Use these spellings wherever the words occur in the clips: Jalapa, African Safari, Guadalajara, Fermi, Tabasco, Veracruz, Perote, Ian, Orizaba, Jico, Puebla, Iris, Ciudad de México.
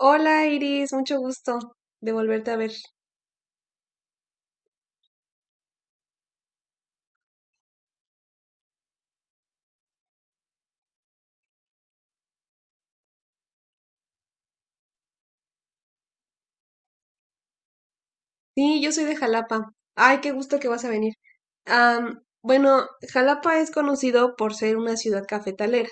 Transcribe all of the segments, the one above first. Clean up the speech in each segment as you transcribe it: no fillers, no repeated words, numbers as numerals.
Hola Iris, mucho gusto de volverte a ver. Sí, yo soy de Jalapa. Ay, qué gusto que vas a venir. Bueno, Jalapa es conocido por ser una ciudad cafetalera.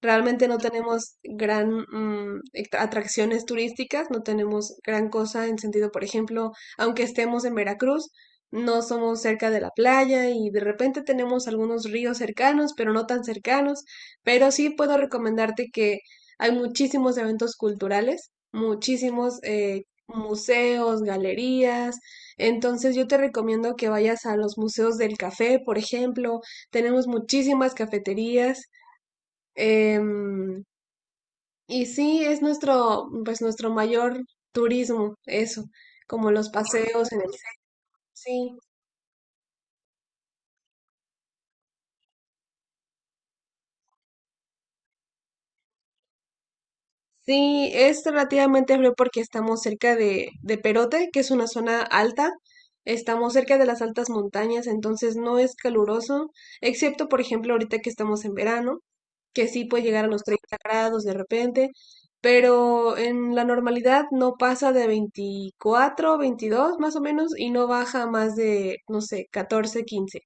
Realmente no tenemos gran atracciones turísticas, no tenemos gran cosa en sentido, por ejemplo, aunque estemos en Veracruz, no somos cerca de la playa y de repente tenemos algunos ríos cercanos, pero no tan cercanos. Pero sí puedo recomendarte que hay muchísimos eventos culturales, muchísimos museos, galerías. Entonces yo te recomiendo que vayas a los museos del café, por ejemplo. Tenemos muchísimas cafeterías. Em, y sí, es nuestro, pues nuestro mayor turismo, eso, como los paseos en el. Sí, sí, es relativamente frío porque estamos cerca de Perote, que es una zona alta. Estamos cerca de las altas montañas, entonces no es caluroso, excepto por ejemplo ahorita que estamos en verano, que sí puede llegar a los 30 grados de repente, pero en la normalidad no pasa de 24, 22 más o menos y no baja a más de, no sé, 14, 15.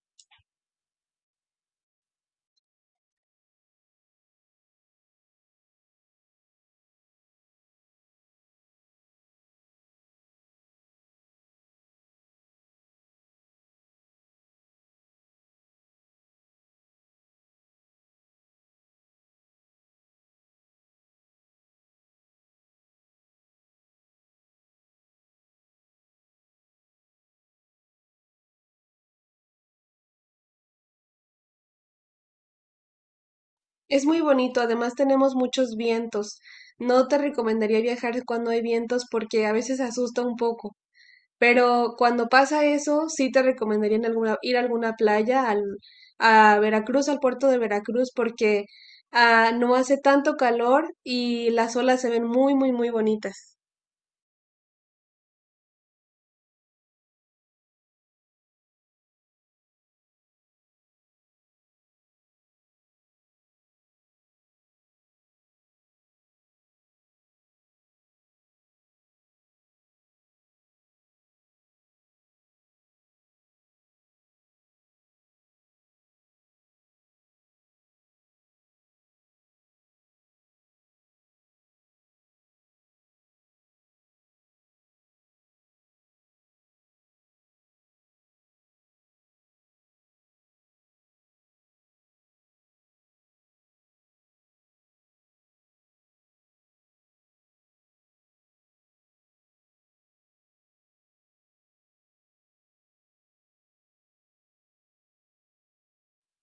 Es muy bonito, además tenemos muchos vientos. No te recomendaría viajar cuando hay vientos porque a veces asusta un poco, pero cuando pasa eso, sí te recomendaría en ir a alguna playa, al, a Veracruz, al puerto de Veracruz, porque ah, no hace tanto calor y las olas se ven muy, muy, muy bonitas.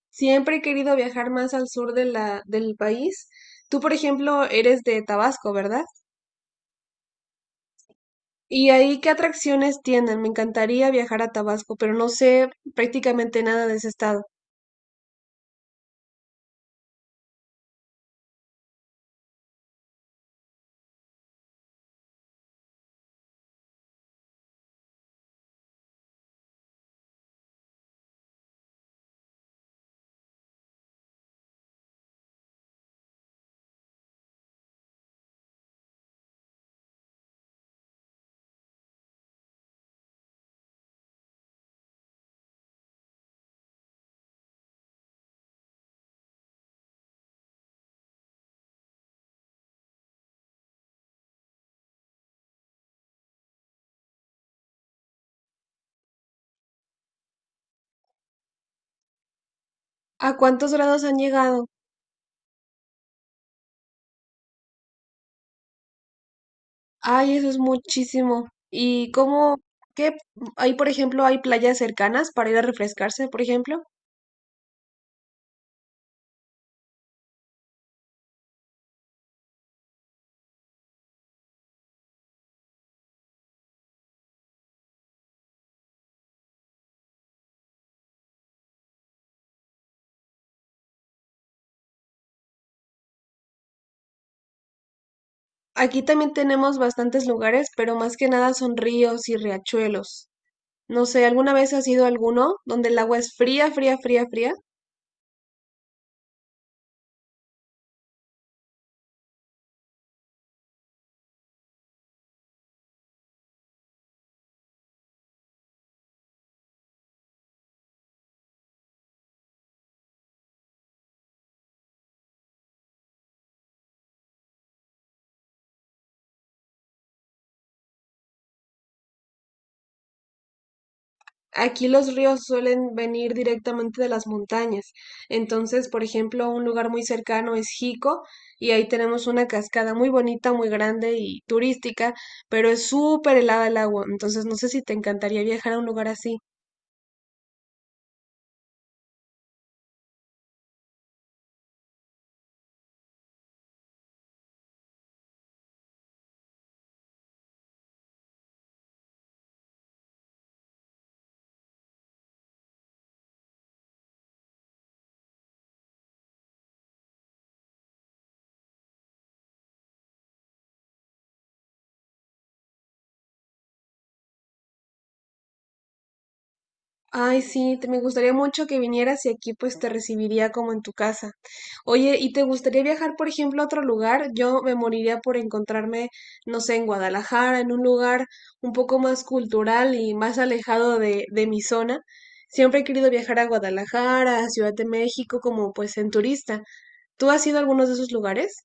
Siempre he querido viajar más al sur de del país. Tú, por ejemplo, eres de Tabasco, ¿verdad? ¿Y ahí qué atracciones tienen? Me encantaría viajar a Tabasco, pero no sé prácticamente nada de ese estado. ¿A cuántos grados han llegado? Ay, eso es muchísimo. ¿Y cómo, qué, ahí por ejemplo, hay playas cercanas para ir a refrescarse, por ejemplo? Aquí también tenemos bastantes lugares, pero más que nada son ríos y riachuelos. No sé, ¿alguna vez has ido a alguno donde el agua es fría, fría, fría, fría? Aquí los ríos suelen venir directamente de las montañas. Entonces, por ejemplo, un lugar muy cercano es Jico y ahí tenemos una cascada muy bonita, muy grande y turística, pero es súper helada el agua. Entonces, no sé si te encantaría viajar a un lugar así. Ay, sí, me gustaría mucho que vinieras y aquí pues te recibiría como en tu casa. Oye, ¿y te gustaría viajar, por ejemplo, a otro lugar? Yo me moriría por encontrarme, no sé, en Guadalajara, en un lugar un poco más cultural y más alejado de mi zona. Siempre he querido viajar a Guadalajara, a Ciudad de México, como pues en turista. ¿Tú has ido a algunos de esos lugares?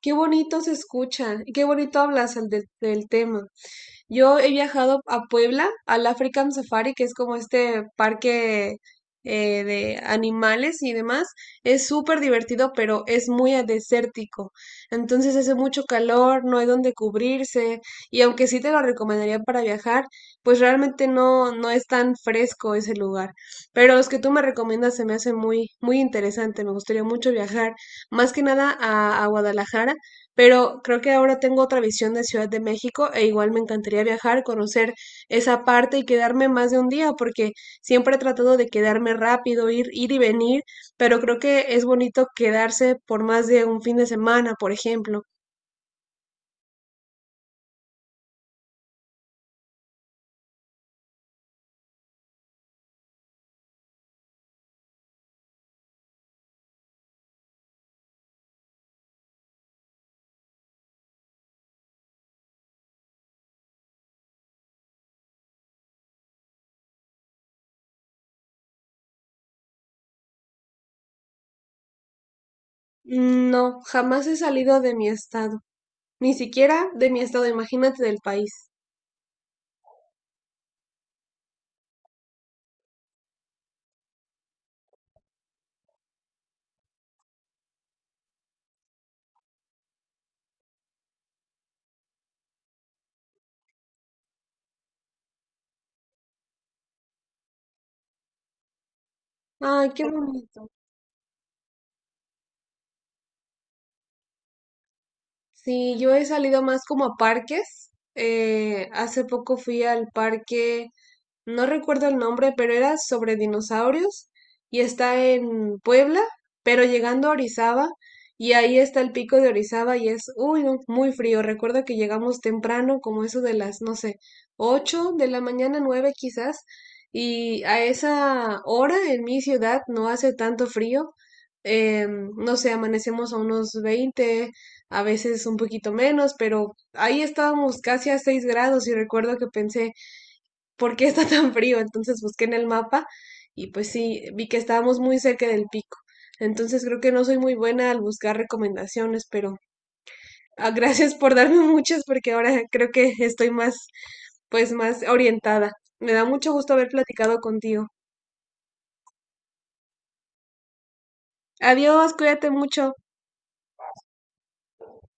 Qué bonito se escucha, y qué bonito hablas al del tema. Yo he viajado a Puebla, al African Safari, que es como este parque, de animales y demás. Es súper divertido, pero es muy desértico. Entonces hace mucho calor, no hay donde cubrirse. Y aunque sí te lo recomendaría para viajar, pues realmente no, no es tan fresco ese lugar. Pero los que tú me recomiendas se me hace muy, muy interesante. Me gustaría mucho viajar más que nada a, a Guadalajara, pero creo que ahora tengo otra visión de Ciudad de México e igual me encantaría viajar, conocer esa parte y quedarme más de un día, porque siempre he tratado de quedarme rápido, ir y venir, pero creo que es bonito quedarse por más de un fin de semana, por ejemplo. No, jamás he salido de mi estado, ni siquiera de mi estado, imagínate del país. Ay, qué bonito. Sí, yo he salido más como a parques. Hace poco fui al parque, no recuerdo el nombre, pero era sobre dinosaurios y está en Puebla, pero llegando a Orizaba y ahí está el pico de Orizaba y es uy, no, muy frío. Recuerdo que llegamos temprano, como eso de las, no sé, 8 de la mañana, 9 quizás, y a esa hora en mi ciudad no hace tanto frío. eh, no sé, amanecemos a unos 20, a veces un poquito menos, pero ahí estábamos casi a 6 grados y recuerdo que pensé, por qué está tan frío. Entonces busqué en el mapa y pues sí, vi que estábamos muy cerca del pico. Entonces creo que no soy muy buena al buscar recomendaciones, pero ah, gracias por darme muchas porque ahora creo que estoy más, pues más orientada. Me da mucho gusto haber platicado contigo. Adiós, cuídate mucho.